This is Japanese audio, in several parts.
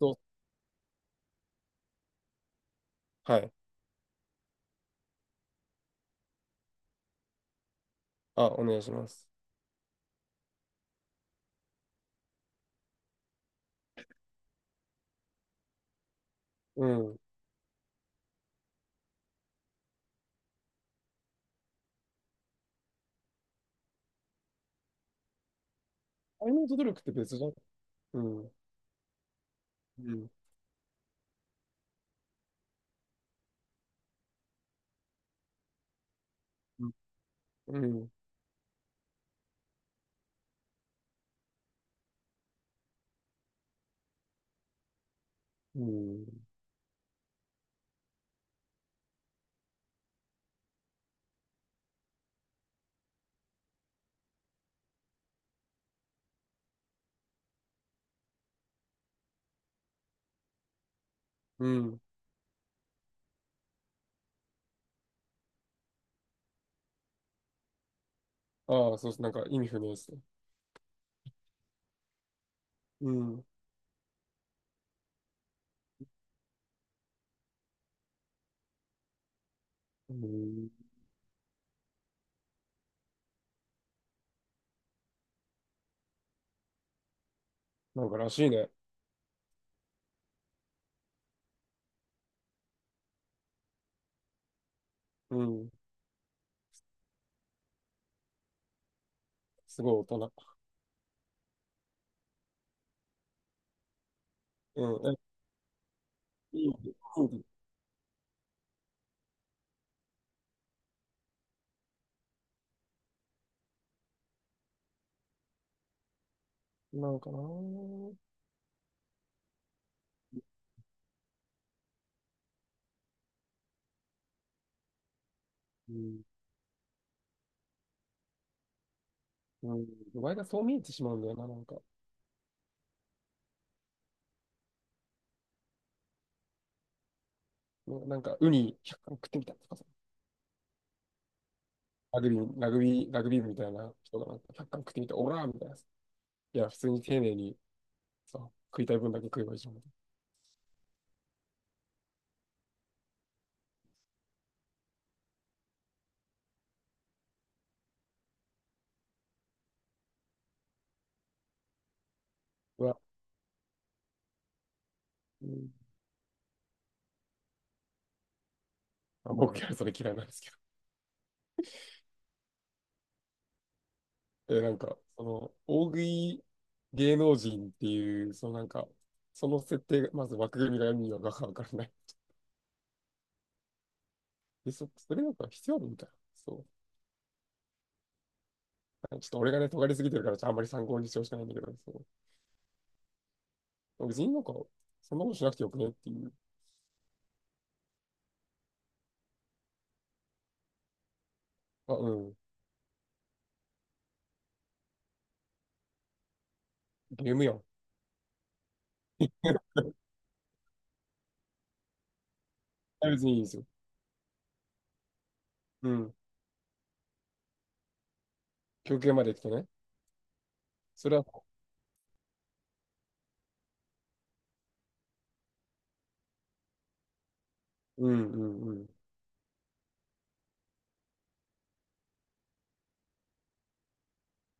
どうはい。あ、お願いします。うん。愛のと努力って別じゃん。うん。うん。うん。うん。うん。ああ、そうです。なんか意味不明ですね。うん。うん。なんからしいね。うん。すごい大人。うん。え、いい。いいなんかなー。うん。うん。前がそう見えてしまうんだよな、なんか。なんか、ウニ100貫食ってみたとかさ。ラグビー部みたいな人がなんか100貫食ってみた、オラーみたいなさ。いや、普通に丁寧にさ、食いたい分だけ食えばいいじゃん。は、うん。あ、僕はそれ嫌いなんですけど。え、なんか、その、大食い芸能人っていう、そのなんか、その設定が、まず枠組みが意味がわからない。で、それなんか必要あるみたいな。そう。ちょっと俺がね、尖りすぎてるから、ちょっとあんまり参考にしてほしくないんだけど、そう。別になんか、そんなことしなくてよくねっていう。あ、うん。ゲームやん。別にいいですよ。うん。休憩まで来てね。それは、うんうんうん。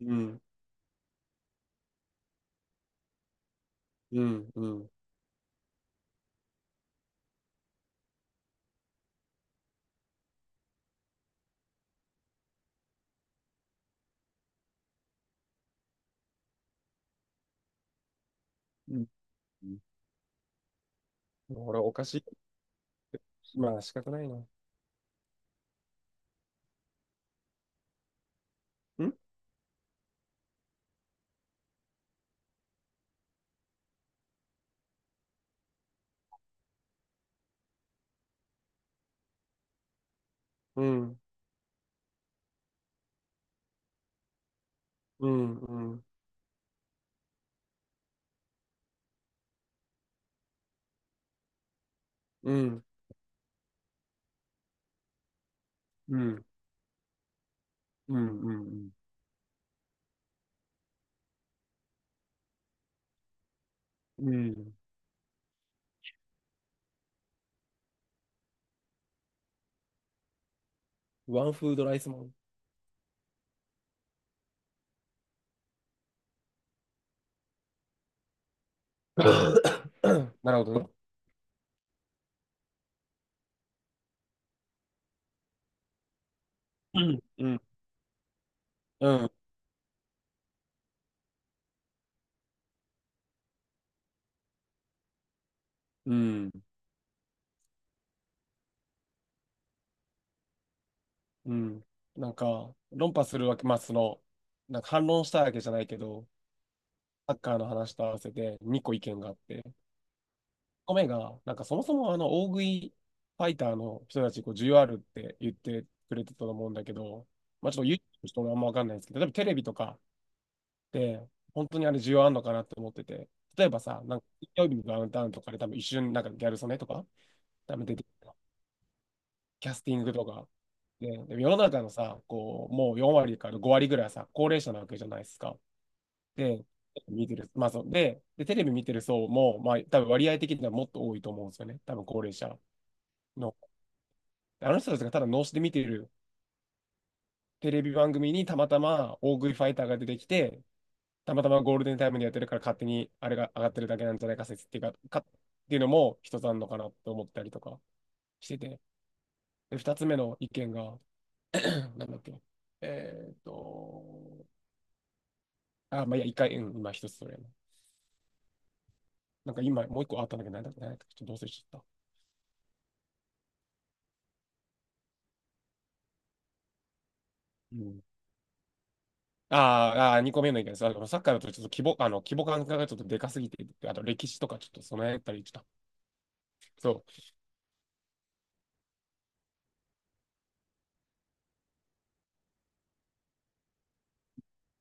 うんうんうん。うん。俺はおかしいって。まあ仕方ないな。うん、うん、うん、うん、うん、うん、うん、うん。うん。ワンフードライスマン。なるほどね。うん、うん、うん、うん。うん。なんか、論破するわけ、まあ、その、なんか反論したいわけじゃないけど、サッカーの話と合わせて2個意見があって、1個目が、なんかそもそもあの、大食いファイターの人たち、こう、需要あるって言ってくれてたと思うんだけど、まあ、ちょっと YouTube の人もあんまわかんないですけど、例えばテレビとか、て、本当にあれ需要あんのかなって思ってて、例えばさ、なんか、金曜日のダウンタウンとかで多分一瞬なんかギャル曽根とか、多分出てくるキャスティングとか。でも世の中のさ、こう、もう4割から5割ぐらいはさ、高齢者なわけじゃないですか。で、見てる、まあそう、で、テレビ見てる層も、まあ多分割合的にはもっと多いと思うんですよね。多分高齢者の。あの人たちがただ脳死で見てるテレビ番組にたまたま大食いファイターが出てきて、たまたまゴールデンタイムでやってるから勝手にあれが上がってるだけなんじゃないか説っていうか、っていうのも一つあるのかなと思ったりとかしてて、で、二つ目の意見が、なんだっけ、えーっと、あ、まあ、いや、一回、うん、今一つそれやな。なんか今もう一個あったんだけど、なんだっけちょっとどうせしちゃった。うん。二個目の意見です。あの、サッカーだとちょっと規模、あの、規模感がちょっとでかすぎて、あと歴史とかちょっと備えたりした。そう。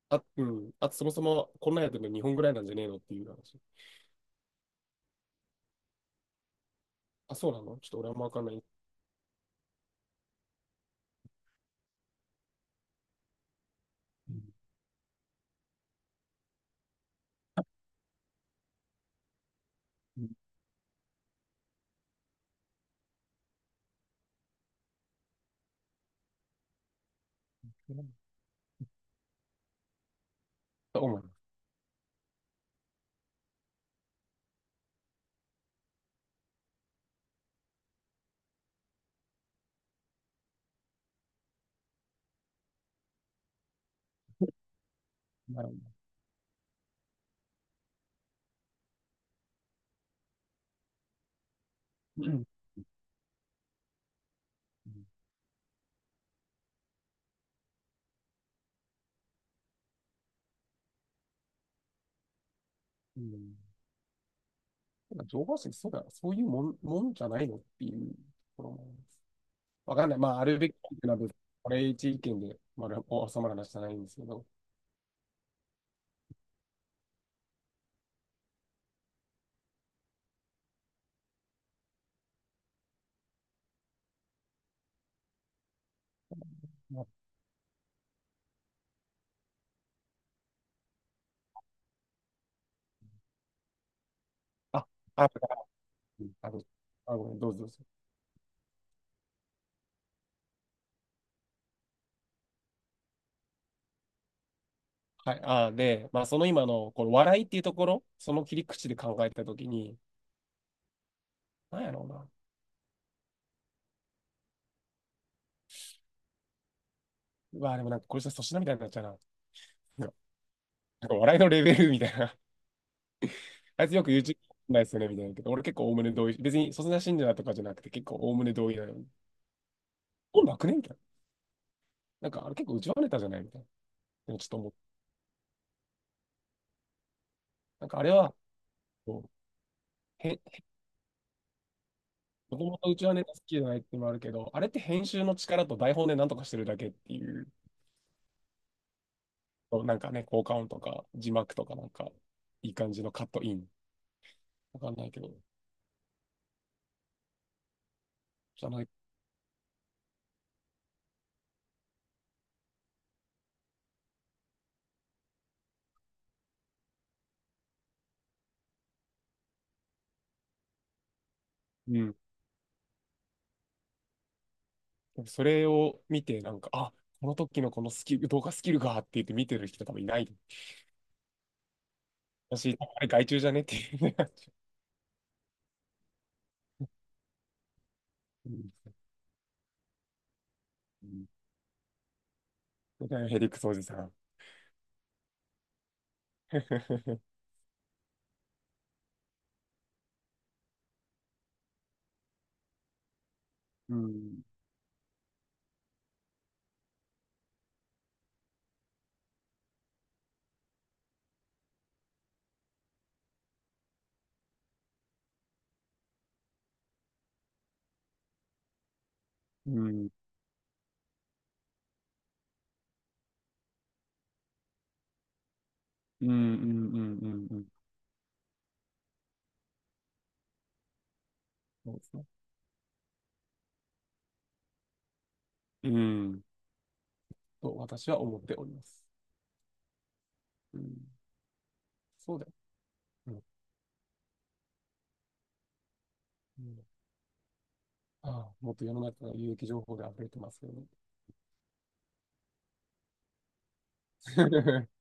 あ、うん。あと、そもそもこんなんやってるの日本ぐらいなんじゃねえのっていう話。あ、そうなのちょっと俺はあんまわかんない。うんうん。と思います。なるほど。うん。うん。ただ情報誌、そうだ、そういうもんじゃないのっていうところもあります。わかんない。まあ、あるべきな部分、これ一意見で、まあ、収まる話じゃないんですけど。あ、あ、うん。あごめん、どうぞどうぞ。はい。あ、で、まあ、その今の、この笑いっていうところ、その切り口で考えたときに、なんやろうな。うわ、でもなんかこれじゃ粗品みたいになっちゃうな。なんか笑いのレベルみたいな、あいつよく YouTube ないですよね、みたいなけど、俺結構おおむね同意。別に、そんな信者とかじゃなくて、結構おおむね同意なのに。本なくねみたいな。なんか、あれ結構内輪ネタじゃないみたいな。でもちょっと思って、なんかあれは、こう、へ、もともと内輪ネタ好きじゃないっていうのもあるけど、あれって編集の力と台本でなんとかしてるだけっていう、なんかね、効果音とか、字幕とかなんか、いい感じのカットイン。わかんないけど、じゃない。うん。それを見て、なんか、あ、この時のこのスキル、動画スキルがって言って見てる人多分いない。私、あれ害虫じゃねっていう。うんうん。それらヘリクソおじさん。うん。うん。うん。うん。うん。うん。うん。そうですね。うん。と、私は思っております。うん。そうだよ。うん。うん、ああ、もっと世の中の有益情報で溢れてますよね。